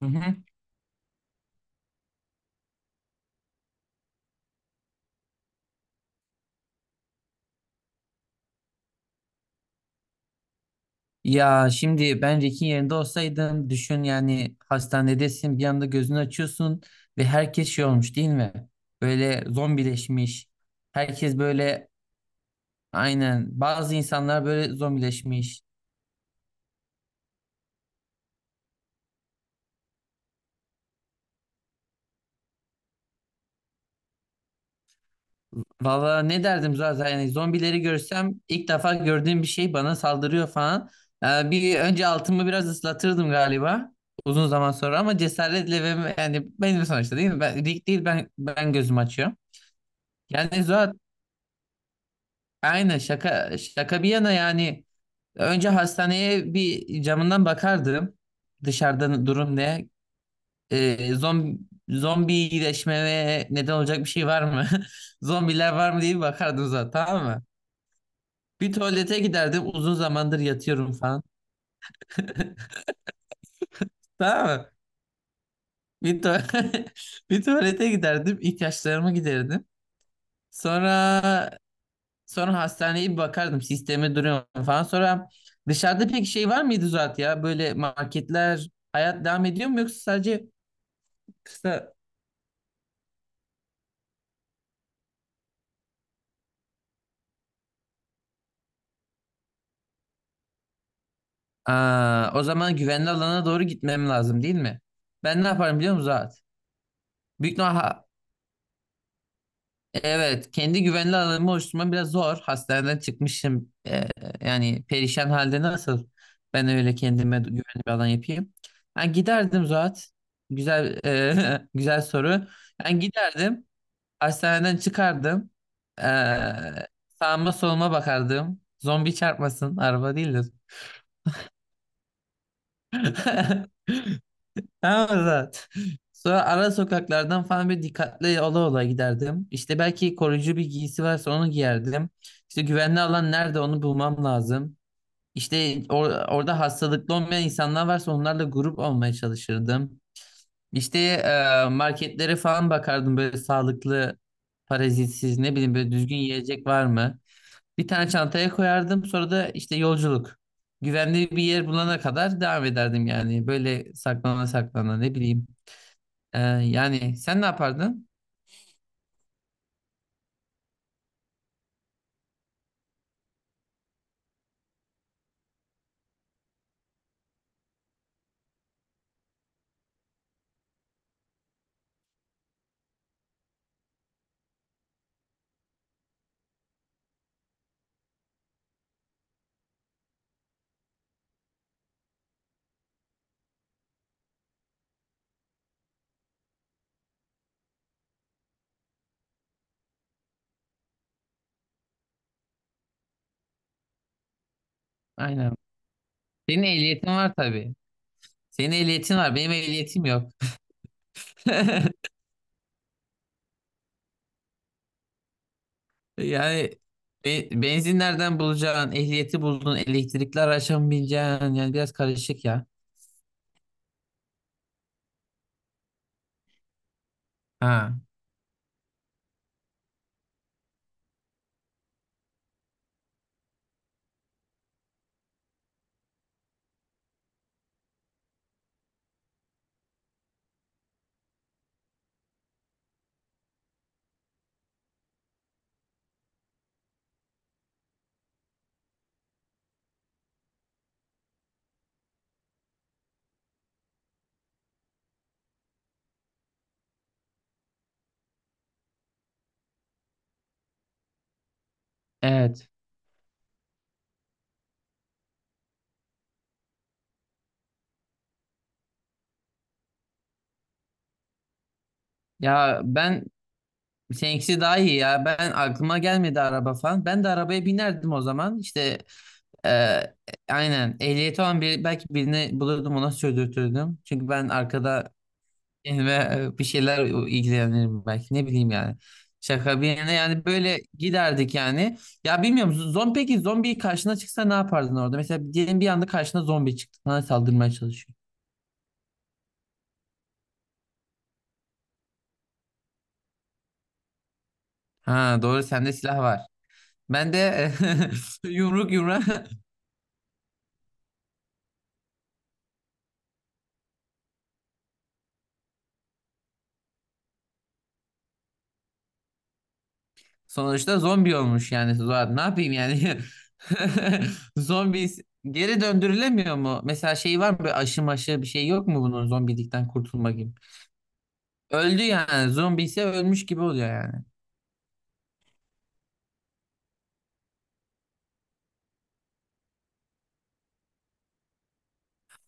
Hı hı. Ya şimdi ben Rick'in yerinde olsaydım düşün, yani hastanedesin, bir anda gözünü açıyorsun ve herkes şey olmuş, değil mi? Böyle zombileşmiş. Herkes böyle, aynen, bazı insanlar böyle zombileşmiş. Valla ne derdim zaten, yani zombileri görsem, ilk defa gördüğüm bir şey bana saldırıyor falan. Bir önce altımı biraz ıslatırdım galiba, uzun zaman sonra, ama cesaretle. Ve yani benim sonuçta, değil mi? Ben, Rick değil, ben gözüm açıyorum. Yani Zuhat, aynen, şaka şaka bir yana, yani önce hastaneye bir camından bakardım, dışarıda durum ne, zombi zombileşmeye neden olacak bir şey var mı, zombiler var mı diye bir bakardım zaten, tamam mı? Bir tuvalete giderdim, uzun zamandır yatıyorum falan. Tamam mı? bir, tu- Bir tuvalete giderdim, ihtiyaçlarımı giderdim. Sonra, sonra hastaneye bir bakardım, sisteme duruyor mu falan. Sonra dışarıda pek şey var mıydı Zuhat ya? Böyle marketler, hayat devam ediyor mu, yoksa sadece kısa... Aa, o zaman güvenli alana doğru gitmem lazım, değil mi? Ben ne yaparım biliyor musun Zuhat? Büyük ihtimal evet, kendi güvenli alanımı oluşturmam biraz zor. Hastaneden çıkmışım. Yani perişan halde, nasıl ben öyle kendime güvenli bir alan yapayım? Ben giderdim Zuhat. Güzel, güzel soru. Ben giderdim. Hastaneden çıkardım. Ee, Sağıma soluma bakardım. Zombi çarpmasın. Araba değil de. Tamam mı Zat? Sonra ara sokaklardan falan bir dikkatli ola ola giderdim. İşte belki koruyucu bir giysi varsa onu giyerdim. İşte güvenli alan nerede, onu bulmam lazım. İşte orada hastalıklı olmayan insanlar varsa onlarla grup olmaya çalışırdım. İşte, marketlere falan bakardım, böyle sağlıklı, parazitsiz, ne bileyim, böyle düzgün yiyecek var mı? Bir tane çantaya koyardım. Sonra da işte yolculuk. Güvenli bir yer bulana kadar devam ederdim yani. Böyle saklana saklana, ne bileyim. Ee, Yani sen ne yapardın? Aynen. Senin ehliyetin var tabii. Senin ehliyetin var. Benim ehliyetim yok. Yani benzin nereden bulacaksın? Ehliyeti buldun. Elektrikli araçla mı bineceksin? Yani biraz karışık ya. Ha. Evet. Ya ben... Seninkisi daha iyi ya. Ben aklıma gelmedi araba falan. Ben de arabaya binerdim o zaman. İşte eee, aynen, ehliyeti olan bir, belki birini bulurdum, ona sürdürtürdüm. Çünkü ben arkada kendime bir şeyler ilgilenirim belki, ne bileyim yani. Şaka bir yana, yani böyle giderdik yani. Ya bilmiyorum, zombi, peki zombi karşına çıksa ne yapardın orada? Mesela diyelim bir anda karşına zombi çıktı. Sana saldırmaya çalışıyor. Ha, doğru, sende silah var. Ben de yumruk yumruğa. Sonuçta zombi olmuş yani. Zuhal. Ne yapayım yani? Zombi geri döndürülemiyor mu? Mesela şey var mı? Böyle aşı maşı bir şey yok mu bunun, zombilikten kurtulma gibi? Öldü yani. Zombi ise ölmüş gibi oluyor yani.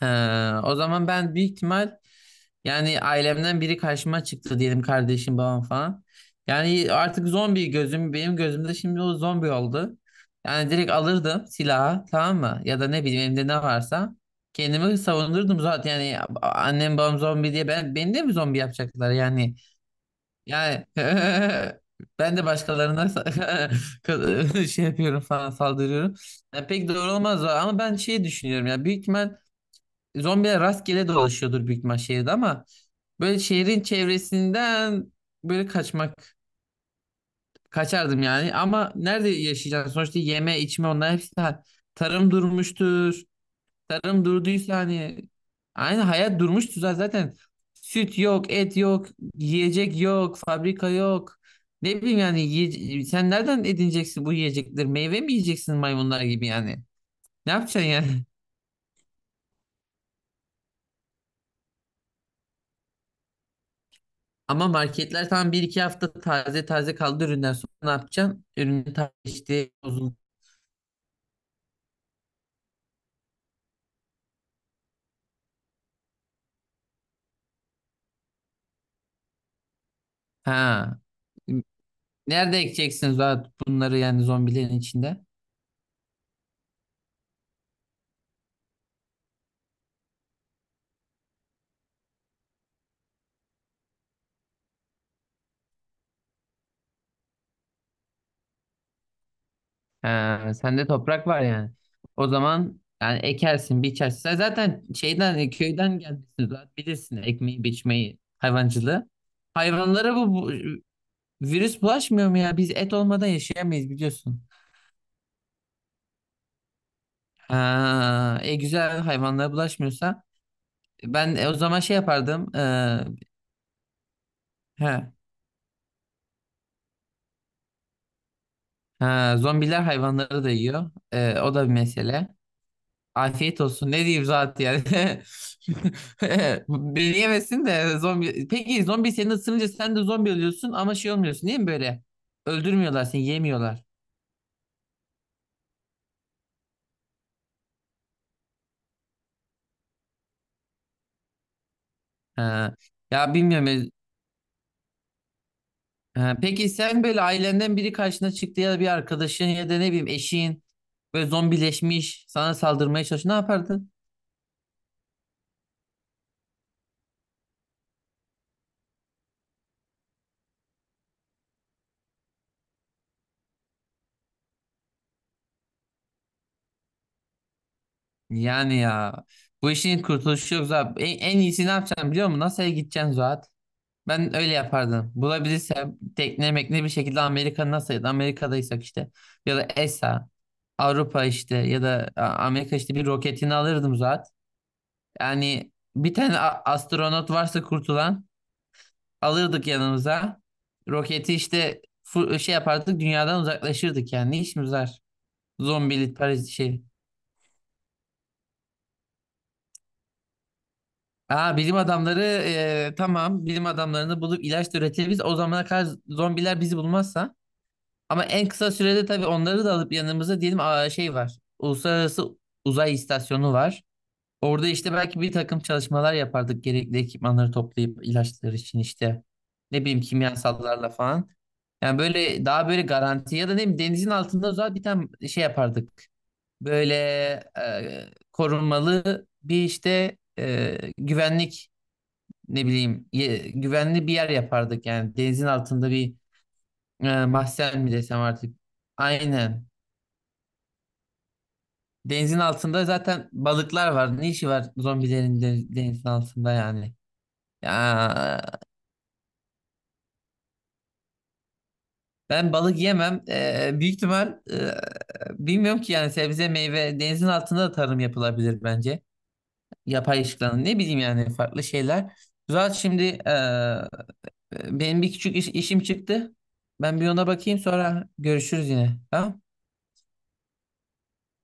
He, o zaman ben büyük ihtimal, yani ailemden biri karşıma çıktı diyelim, kardeşim, babam falan. Yani artık zombi gözüm, benim gözümde şimdi o zombi oldu. Yani direkt alırdım silahı, tamam mı? Ya da ne bileyim, elimde ne varsa kendimi savunurdum zaten yani. Annem babam zombi diye ben, beni de mi zombi yapacaklar yani? Yani ben de başkalarına şey yapıyorum falan, saldırıyorum. Yani pek doğru olmaz, ama ben şey düşünüyorum ya, büyük ihtimal zombiler rastgele dolaşıyordur büyük ihtimal şehirde, ama böyle şehrin çevresinden böyle kaçmak, kaçardım yani. Ama nerede yaşayacaksın sonuçta, yeme içme onlar hepsi tarım durmuştur. Tarım durduysa, hani aynı hayat durmuştur Zaten süt yok, et yok, yiyecek yok, fabrika yok, ne bileyim yani, sen nereden edineceksin bu yiyecekleri, meyve mi yiyeceksin maymunlar gibi yani, ne yapacaksın yani? Ama marketler tam bir iki hafta taze taze kaldı, üründen sonra ne yapacaksın? Ürünü taze, işte bozuldu. Ha. Nerede ekeceksiniz zaten bunları, yani zombilerin içinde? Ha, sende toprak var yani. O zaman yani ekersin, biçersin. Sen zaten şeyden, köyden gelmişsin, zaten bilirsin ekmeği, biçmeyi, hayvancılığı. Hayvanlara bu virüs bulaşmıyor mu ya? Biz et olmadan yaşayamayız, biliyorsun. Ha, e güzel, hayvanlara bulaşmıyorsa ben, o zaman şey yapardım. He, ha, zombiler hayvanları da yiyor. E, o da bir mesele. Afiyet olsun. Ne diyeyim zaten yani. Beni yemesin de zombi. Peki zombi seni ısırınca sen de zombi oluyorsun, ama şey olmuyorsun değil mi böyle? Öldürmüyorlar seni, yemiyorlar. Ha. Ya bilmiyorum. Ha, peki sen, böyle ailenden biri karşına çıktı ya da bir arkadaşın ya da ne bileyim eşin, böyle zombileşmiş sana saldırmaya çalışıyor, ne yapardın? Yani ya, bu işin kurtuluşu yok Zuhat. En iyisi ne yapacaksın biliyor musun? NASA'ya gideceksin Zuhat. Ben öyle yapardım. Bulabilirsem tekne mekne, bir şekilde Amerika NASA'ya, da Amerika'daysak işte, ya da ESA, Avrupa, işte, ya da Amerika, işte bir roketini alırdım Zuhat. Yani bir tane astronot varsa kurtulan, alırdık yanımıza. Roketi işte şey yapardık, dünyadan uzaklaşırdık yani. Ne işimiz var? Zombili Paris şey. Aa, bilim adamları, tamam, bilim adamlarını bulup ilaç da üretebiliriz. O zamana kadar zombiler bizi bulmazsa. Ama en kısa sürede tabii onları da alıp yanımıza, diyelim, aa, şey var. Uluslararası Uzay İstasyonu var. Orada işte belki bir takım çalışmalar yapardık, gerekli ekipmanları toplayıp ilaçlar için, işte ne bileyim, kimyasallarla falan. Yani böyle daha böyle garanti, ya da ne bileyim denizin altında o zaman bir tane şey yapardık. Böyle korunmalı bir işte güvenlik, ne bileyim güvenli bir yer yapardık. Yani denizin altında bir, mahzen mi desem artık. Aynen. Denizin altında zaten balıklar var. Ne işi var zombilerin denizin altında yani. Ya ben balık yemem. Büyük ihtimal, bilmiyorum ki yani, sebze meyve denizin altında da tarım yapılabilir bence. Yapay ışıklanın, ne bileyim yani, farklı şeyler. Zaten şimdi, benim bir küçük işim çıktı. Ben bir ona bakayım, sonra görüşürüz yine. Tamam?